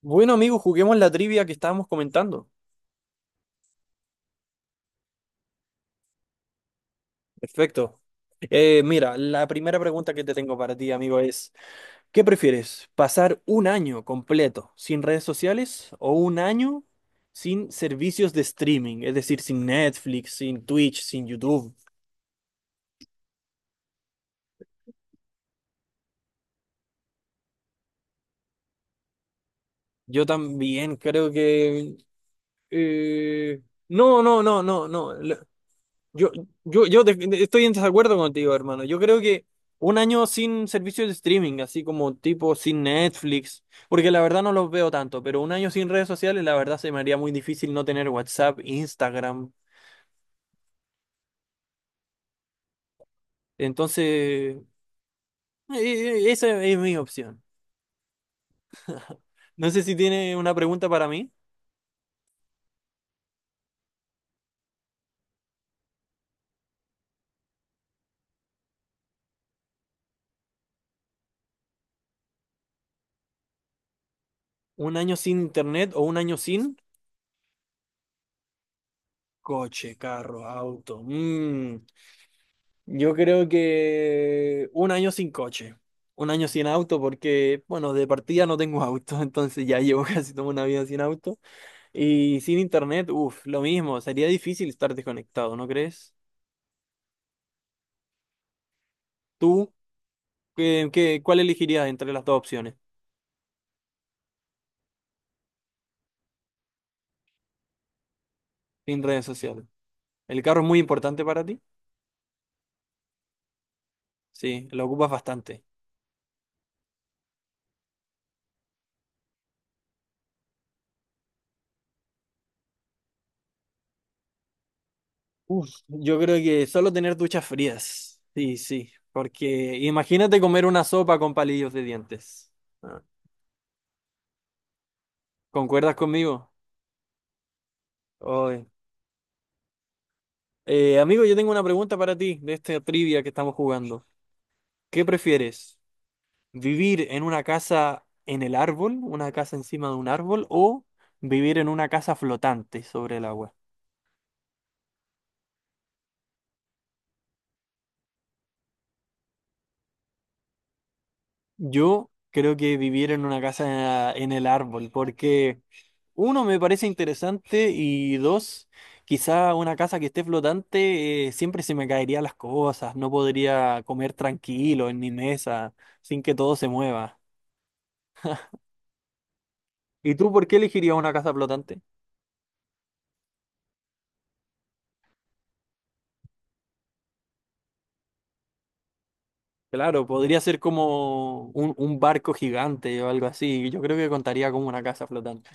Bueno, amigo, juguemos la trivia que estábamos comentando. Perfecto. Mira, la primera pregunta que te tengo para ti, amigo, es, ¿qué prefieres? ¿Pasar un año completo sin redes sociales o un año sin servicios de streaming? Es decir, sin Netflix, sin Twitch, sin YouTube. Yo también creo que... eh, no, no, no, no, no. Yo, Estoy en desacuerdo contigo, hermano. Yo creo que un año sin servicios de streaming, así como tipo sin Netflix, porque la verdad no los veo tanto, pero un año sin redes sociales, la verdad se me haría muy difícil no tener WhatsApp, Instagram. Entonces, esa es mi opción. No sé si tiene una pregunta para mí. ¿Un año sin internet o un año sin coche, carro, auto? Mm. Yo creo que un año sin coche, un año sin auto, porque, bueno, de partida no tengo auto, entonces ya llevo casi toda una vida sin auto. Y sin internet, uff, lo mismo, sería difícil estar desconectado, ¿no crees? ¿Tú cuál elegirías entre las dos opciones? Sin redes sociales. ¿El carro es muy importante para ti? Sí, lo ocupas bastante. Uf, yo creo que solo tener duchas frías. Sí, sí, porque imagínate comer una sopa con palillos de dientes. Ah, ¿concuerdas conmigo? Oy. Amigo, yo tengo una pregunta para ti de esta trivia que estamos jugando. ¿Qué prefieres? ¿Vivir en una casa en el árbol, una casa encima de un árbol, o vivir en una casa flotante sobre el agua? Yo creo que vivir en una casa en el árbol, porque uno me parece interesante y dos, quizá una casa que esté flotante, siempre se me caerían las cosas, no podría comer tranquilo en mi mesa sin que todo se mueva. ¿Y tú por qué elegirías una casa flotante? Claro, podría ser como un barco gigante o algo así. Yo creo que contaría como una casa flotante.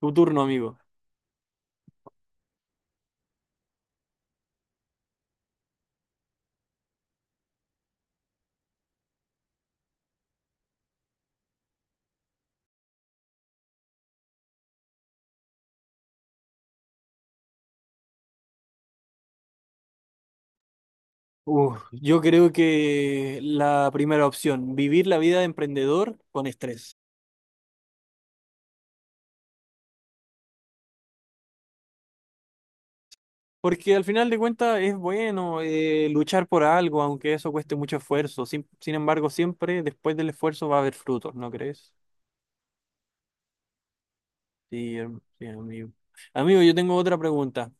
Tu turno, amigo. Uf, yo creo que la primera opción, vivir la vida de emprendedor con estrés. Porque al final de cuentas es bueno luchar por algo, aunque eso cueste mucho esfuerzo. Sin embargo, siempre después del esfuerzo va a haber frutos, ¿no crees? Sí, amigo. Amigo, yo tengo otra pregunta,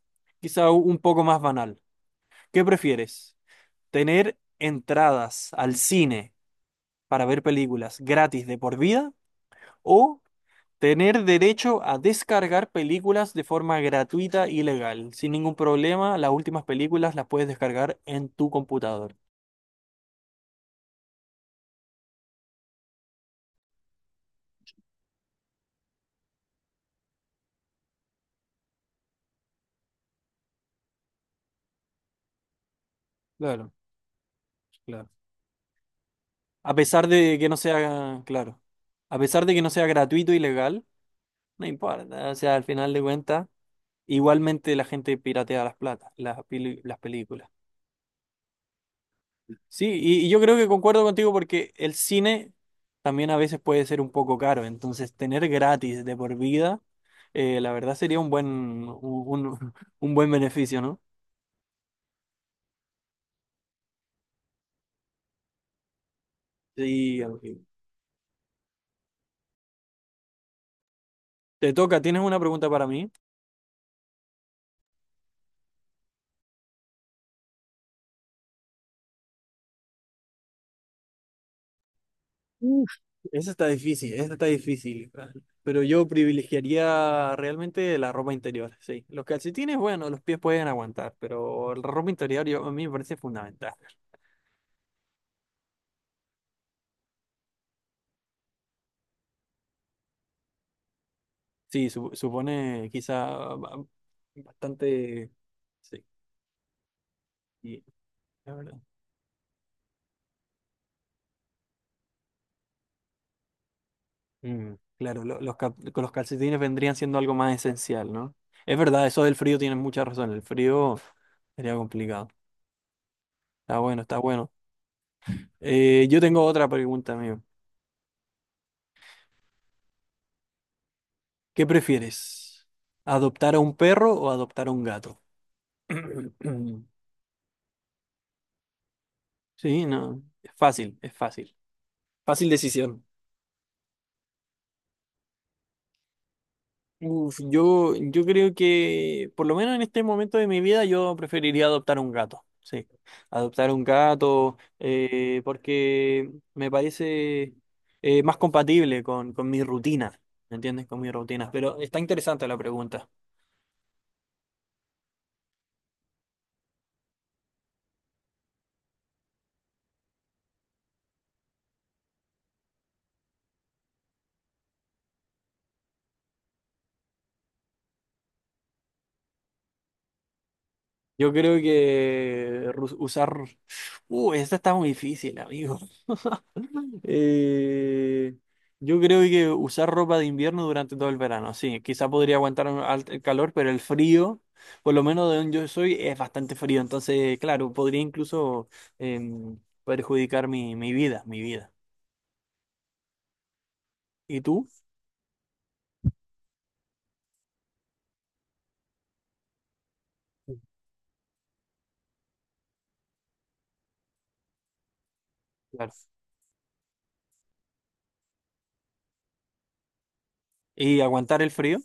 quizá un poco más banal. ¿Qué prefieres? Tener entradas al cine para ver películas gratis de por vida o tener derecho a descargar películas de forma gratuita y legal. Sin ningún problema, las últimas películas las puedes descargar en tu computador. Claro, claro. A pesar de que no sea, claro, a pesar de que no sea gratuito y legal, no importa, o sea, al final de cuentas, igualmente la gente piratea las plata, las, las películas. Sí, y yo creo que concuerdo contigo porque el cine también a veces puede ser un poco caro, entonces tener gratis de por vida, la verdad sería un buen, un buen beneficio, ¿no? Sí, amigo. Te toca, ¿tienes una pregunta para mí? Uf, esa está difícil, pero yo privilegiaría realmente la ropa interior, sí. Los calcetines, bueno, los pies pueden aguantar, pero la ropa interior a mí me parece fundamental. Sí, supone quizá ba- bastante... Sí, la verdad. Mm, claro, los, con los calcetines vendrían siendo algo más esencial, ¿no? Es verdad, eso del frío tienes mucha razón. El frío sería complicado. Está bueno, está bueno. Yo tengo otra pregunta, amigo. ¿Qué prefieres? ¿Adoptar a un perro o adoptar a un gato? Sí, no. Es fácil, es fácil. Fácil decisión. Uf, yo creo que, por lo menos en este momento de mi vida, yo preferiría adoptar un gato. Sí, adoptar un gato, porque me parece más compatible con mi rutina, ¿me entiendes? Con mi rutina. Pero está interesante la pregunta. Yo creo que usar... esta está muy difícil, amigo. Eh, yo creo que usar ropa de invierno durante todo el verano, sí, quizá podría aguantar un el calor, pero el frío, por lo menos de donde yo soy, es bastante frío, entonces, claro, podría incluso em, perjudicar mi, mi vida, mi vida. ¿Y tú? Sí, claro. ¿Y aguantar el frío?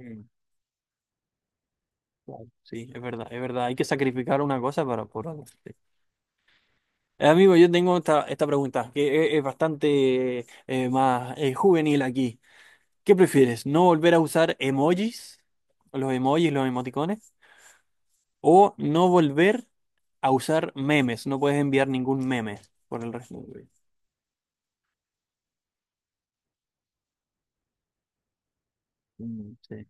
Mm, claro. Sí, es verdad, hay que sacrificar una cosa para por otra. Sí. Amigo, yo tengo esta, esta pregunta que es bastante más juvenil aquí. ¿Qué prefieres? ¿No volver a usar emojis, los emoticones? ¿O no volver a usar memes? No puedes enviar ningún meme por el resto de tu vida. Mm, sí.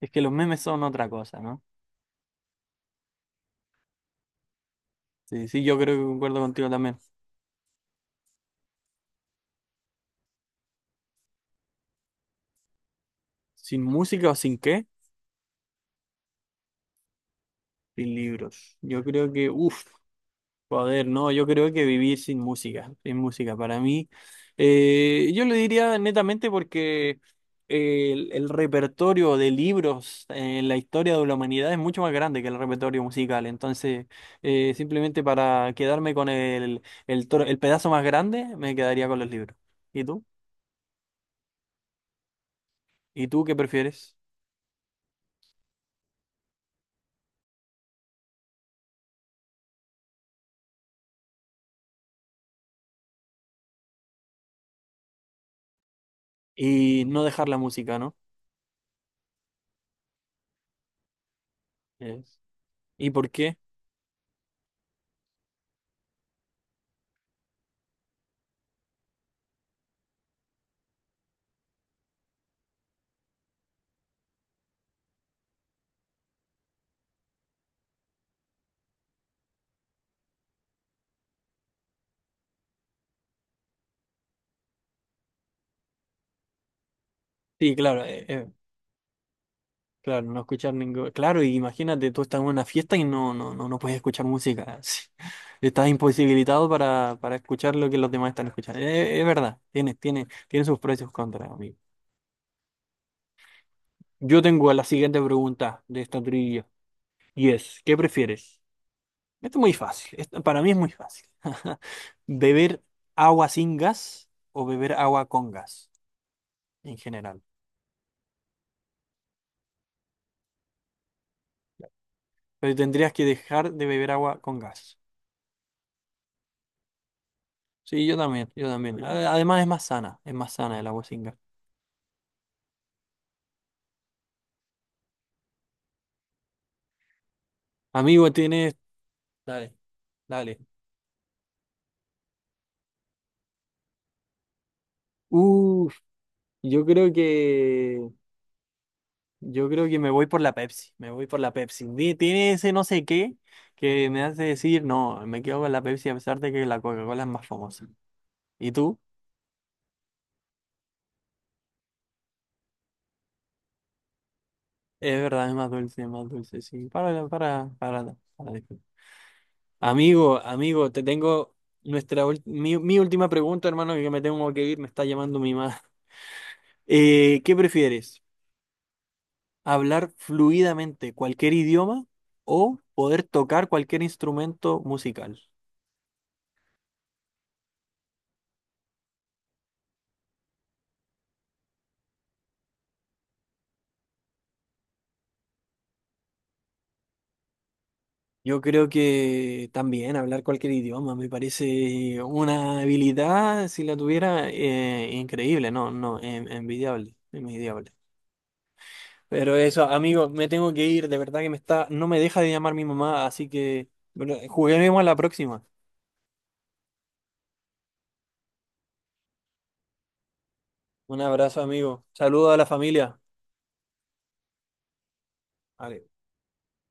Es que los memes son otra cosa, ¿no? Sí, sí, yo creo que concuerdo contigo también. ¿Sin música o sin qué? Sin libros. Yo creo que, uff. Joder, no, yo creo que vivir sin música, sin música, para mí, yo lo diría netamente porque el repertorio de libros en la historia de la humanidad es mucho más grande que el repertorio musical, entonces simplemente para quedarme con el pedazo más grande, me quedaría con los libros. ¿Y tú? ¿Y tú qué prefieres? Y no dejar la música, ¿no? Es- ¿Y por qué? Sí, claro, claro, no escuchar ningún... Claro, y imagínate, tú estás en una fiesta y no puedes escuchar música. sí. Estás imposibilitado para escuchar lo que los demás están escuchando. Es, verdad, tiene sus precios y sus contras, amigo. Yo tengo la siguiente pregunta de esta trivia. Y es, ¿qué prefieres? Esto es muy fácil. Esto para mí es muy fácil. ¿Beber agua sin gas o beber agua con gas en general? Pero tendrías que dejar de beber agua con gas. Sí, yo también, yo también. A- además es más sana el agua sin gas. Amigo, tienes... Dale, dale. Uf, yo creo que... Yo creo que me voy por la Pepsi, me voy por la Pepsi. Di- tiene ese no sé qué que me hace decir, no, me quedo con la Pepsi a pesar de que la Coca-Cola es más famosa. ¿Y tú? Es verdad, es más dulce, sí. Para, para. Amigo, amigo, te tengo nuestra mi última pregunta, hermano, que me tengo que ir, me está llamando mi madre. ¿Qué prefieres? Hablar fluidamente cualquier idioma o poder tocar cualquier instrumento musical. Yo creo que también hablar cualquier idioma me parece una habilidad, si la tuviera, increíble, no, no, en- envidiable, envidiable. Pero eso, amigo, me tengo que ir, de verdad que me está, no me deja de llamar mi mamá, así que bueno, juguemos a la próxima. Un abrazo, amigo. Saludo a la familia. Vale.